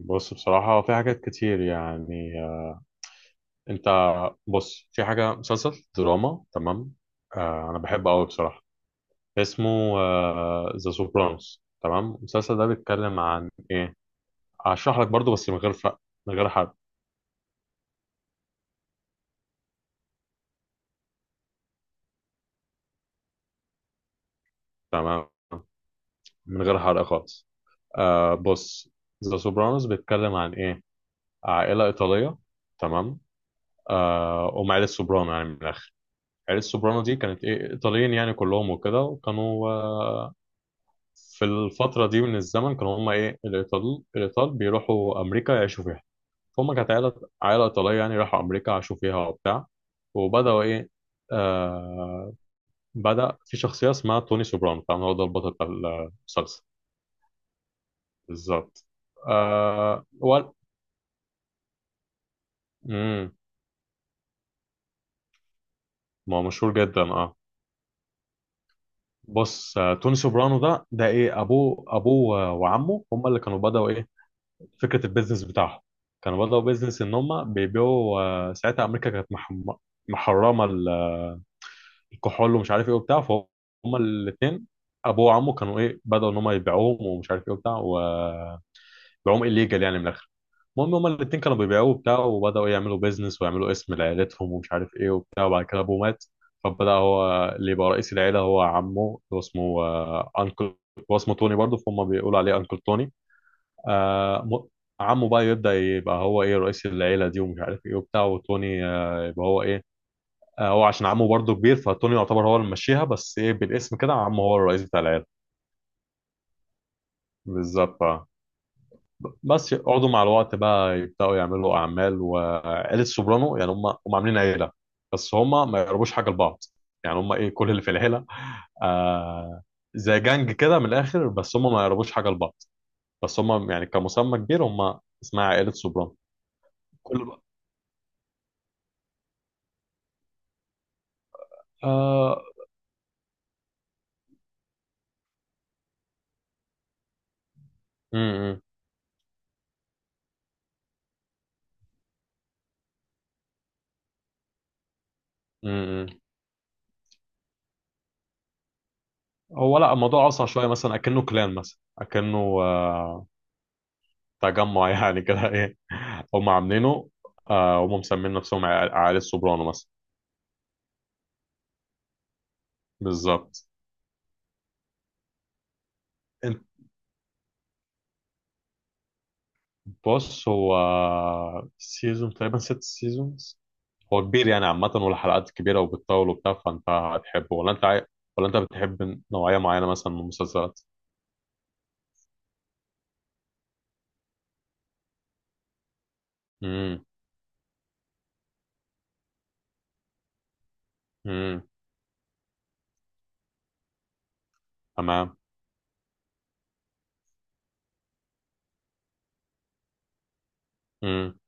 بص، بصراحة في حاجات كتير يعني انت، بص، في حاجة مسلسل دراما. تمام. انا بحبه قوي بصراحة. اسمه ذا سوبرانوس. تمام، المسلسل ده بيتكلم عن ايه؟ هشرح لك برضو، بس من غير من غير حرق. تمام، من غير حرق خالص. بص، ذا سوبرانوس بيتكلم عن ايه؟ عائلة إيطالية. تمام. هم عائلة سوبرانو يعني من الآخر. عائلة سوبرانو دي كانت ايه، إيطاليين يعني كلهم وكده. وكانوا في الفترة دي من الزمن، كانوا هما إيه، الإيطال بيروحوا أمريكا يعيشوا فيها. فهم كانت عائلة إيطالية يعني، راحوا أمريكا عاشوا فيها وبتاع. وبدأوا إيه، آه بدأ في شخصية اسمها توني سوبرانو، طبعا هو ده البطل بتاع المسلسل. بالظبط. آه وال... مم. ما هو مشهور جدا اه. بص، توني سوبرانو ده ايه، ابوه وعمه هم اللي كانوا بدأوا ايه فكره البيزنس بتاعهم. كانوا بدأوا بيزنس ان هم بيبيعوا ساعتها امريكا كانت محرمه الكحول ومش عارف ايه وبتاع. فهم الاثنين، ابوه وعمه، كانوا ايه، بدأوا ان هم يبيعوهم ومش عارف ايه وبتاع، وبيعوهم الليجال يعني من الاخر. المهم هما الاثنين كانوا بيبيعوه وبتاع، وبدأوا يعملوا بيزنس ويعملوا اسم لعيلتهم ومش عارف ايه وبتاع. وبعد كده ابوه مات، فبدأ هو اللي يبقى رئيس العيلة. هو عمه اللي هو اسمه انكل، هو اسمه توني برضه، فهم بيقولوا عليه انكل توني. آه م- عمه بقى يبدأ يبقى هو ايه رئيس العيلة دي ومش عارف ايه وبتاع، وتوني يبقى هو ايه. هو عشان عمه برضه كبير، فتوني يعتبر هو اللي ماشيها، بس ايه، بالاسم كده عمه هو الرئيس بتاع العيلة. بالظبط. بس يقعدوا مع الوقت بقى يبدأوا يعملوا أعمال. وعيلة سوبرانو يعني هم عاملين عيلة، بس هم ما يقربوش حاجة لبعض. يعني هم ايه كل اللي في العيلة، آه زي جانج كده من الآخر، بس هم ما يقربوش حاجة لبعض. بس هم يعني كمسمى كبير، هم اسمها عائلة سوبرانو. كل. آه امم. امم. هو لا، الموضوع اصعب شويه، مثلا اكنه كلان، مثلا اكنه تجمع يعني كده ايه. هم عاملينه هم مسمين نفسهم عيال السوبرانو مثلا. بالظبط. انت، بص، هو سيزون تقريبا ست سيزونز. هو كبير يعني عامه، والحلقات كبيره وبتطول وبتاع. فانت هتحبه، ولا انت بتحب نوعيه معينه مثلا من المسلسلات؟ امم. امم. تمام. امم.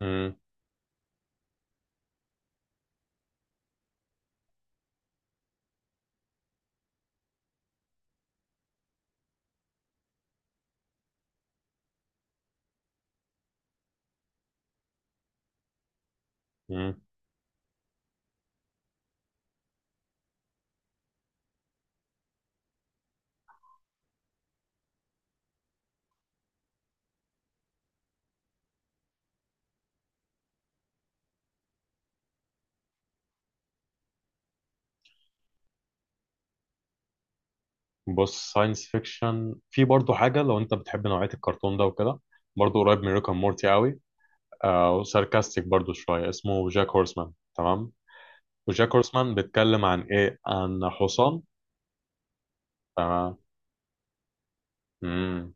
امم. امم. بص، ساينس فيكشن في برضه حاجة. لو انت بتحب نوعية الكرتون ده وكده، برضه قريب من ريكا مورتي قوي. وساركاستيك برضه شوية. اسمه جاك هورسمان. تمام. وجاك هورسمان بيتكلم عن ايه؟ عن حصان. تمام. مم.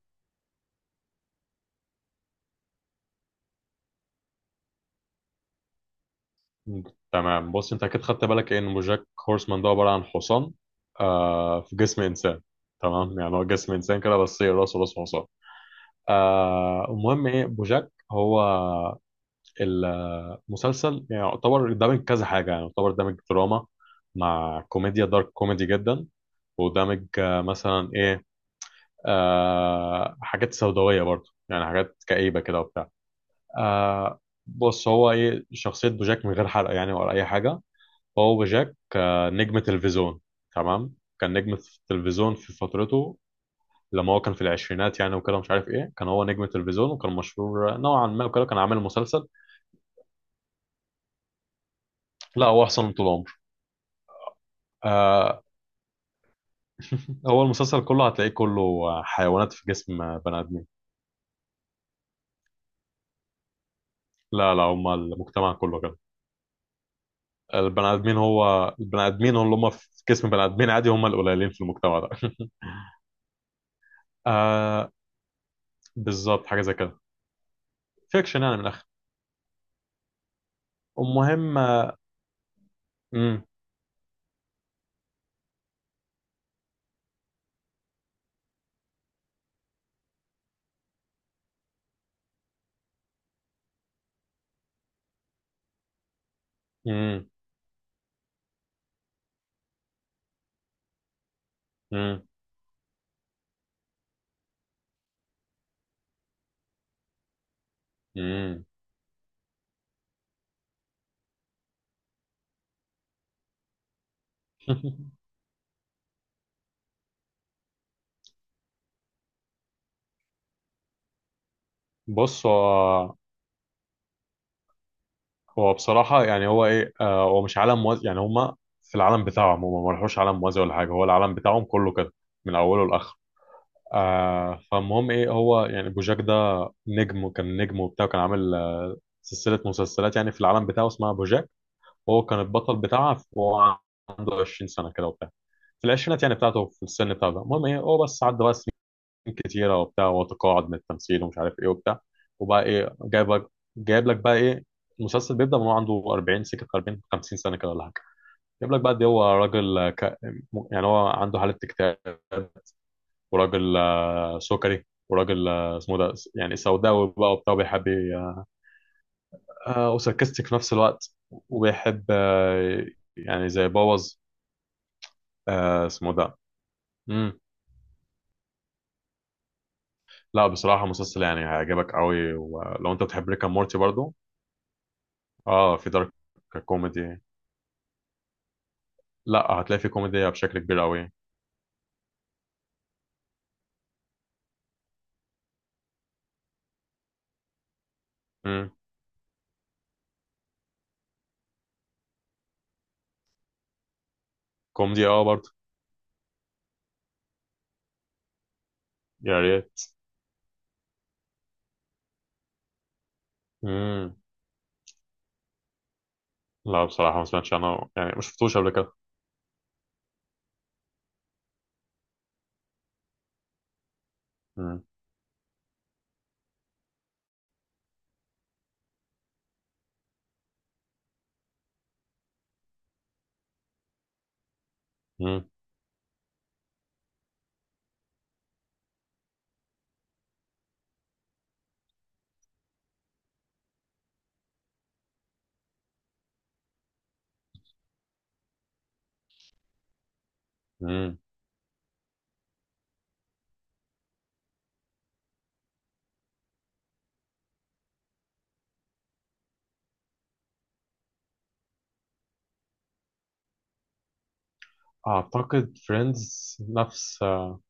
تمام، بص، انت اكيد خدت بالك ايه ان جاك هورسمان ده عبارة عن حصان في جسم انسان. تمام، يعني هو جسم انسان كده بس هي راسه راس حصان. المهم ايه، بوجاك هو مسلسل يعني يعتبر دامج كذا حاجة، يعني يعتبر دامج دراما مع كوميديا، دارك كوميدي جدا، ودامج مثلا ايه، حاجات سوداوية برضو، يعني حاجات كئيبة كده وبتاع. آه بص، هو ايه شخصية بوجاك، من غير حرق يعني ولا أي حاجة. هو بوجاك نجم تلفزيون. تمام، كان نجم تلفزيون في فترته، لما هو كان في العشرينات يعني وكده، مش عارف ايه، كان هو نجم تلفزيون وكان مشهور نوعا ما وكده، كان عامل مسلسل. لا، هو احسن طول عمره. آه هو المسلسل كله هتلاقيه كله حيوانات في جسم بني ادمين. لا، لا، هما المجتمع كله كده. البني ادمين، هو البني ادمين اللي هم في جسم بني ادمين عادي، هم القليلين في المجتمع ده. آه بالظبط، حاجه زي كده. فيكشن يعني من الاخر. المهم. امم. امم. امم. امم. بص، هو بصراحه يعني هو ايه، هو مش عالم موازي يعني هم في العالم بتاعهم، هم ما راحوش عالم موازي ولا حاجه، هو العالم بتاعهم كله كده من اوله لاخره. فالمهم ايه، هو يعني بوجاك ده نجم وكان نجم وبتاع وكان عامل سلسلة مسلسلات يعني في العالم بتاعه اسمها بوجاك. وهو كان البطل بتاعها، وهو عنده 20 سنة كده وبتاع، في العشرينات يعني بتاعته في السن بتاعه ده. المهم ايه، هو بس عدى بقى سنين كتيرة وبتاع، وتقاعد من التمثيل ومش عارف ايه وبتاع، وبقى ايه، جايب لك بقى ايه. المسلسل بيبدأ من هو عنده 40 سكة 40 50 سنة كده ولا حاجة. جايب لك بقى دي، هو راجل يعني هو عنده حالة اكتئاب، وراجل سكري، وراجل اسمه ده يعني سوداوي بقى وبتاع، وبيحب وساركستك في نفس الوقت، وبيحب يعني زي بوظ اسمه ده. مم. لا، بصراحة مسلسل يعني هيعجبك قوي ولو انت بتحب ريكا مورتي برضو. اه، في دارك كوميدي. لا، هتلاقي في كوميديا بشكل كبير قوي. مم. كوميدي اه برضو. يا ريت. مم. لا، بصراحة ما سمعتش عنه يعني، ما شفتوش قبل كده. مم. مم. مم. اعتقد فريندز نفس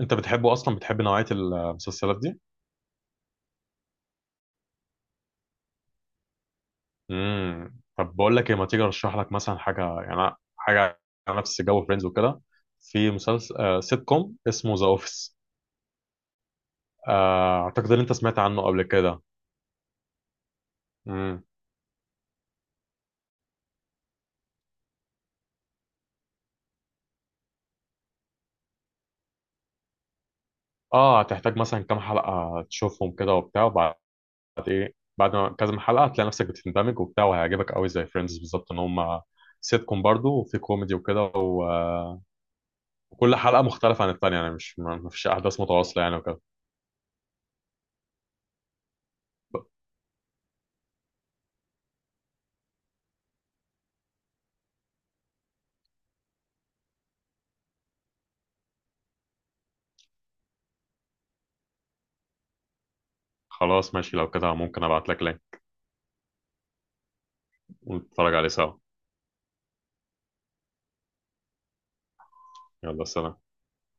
انت بتحبه اصلا؟ بتحب نوعيه المسلسلات دي؟ طب بقول لك ايه، ما تيجي ارشح لك مثلا حاجه يعني، حاجه على نفس جو فريندز وكده. في مسلسل سيت كوم اسمه ذا اوفيس. اعتقد ان انت سمعت عنه قبل كده. امم اه، هتحتاج مثلا كام حلقه تشوفهم كده وبتاع، وبعد ما كذا حلقه هتلاقي نفسك بتندمج وبتاع، وهيعجبك قوي زي فريندز بالظبط. ان هم سيت كوم برضه، وفي كوميدي وكده وكل حلقه مختلفه عن الثانيه يعني، مش ما فيش احداث متواصله يعني وكده. خلاص، ماشي، لو كده ممكن ابعت لك لينك ونتفرج عليه سوا. يلا سلام.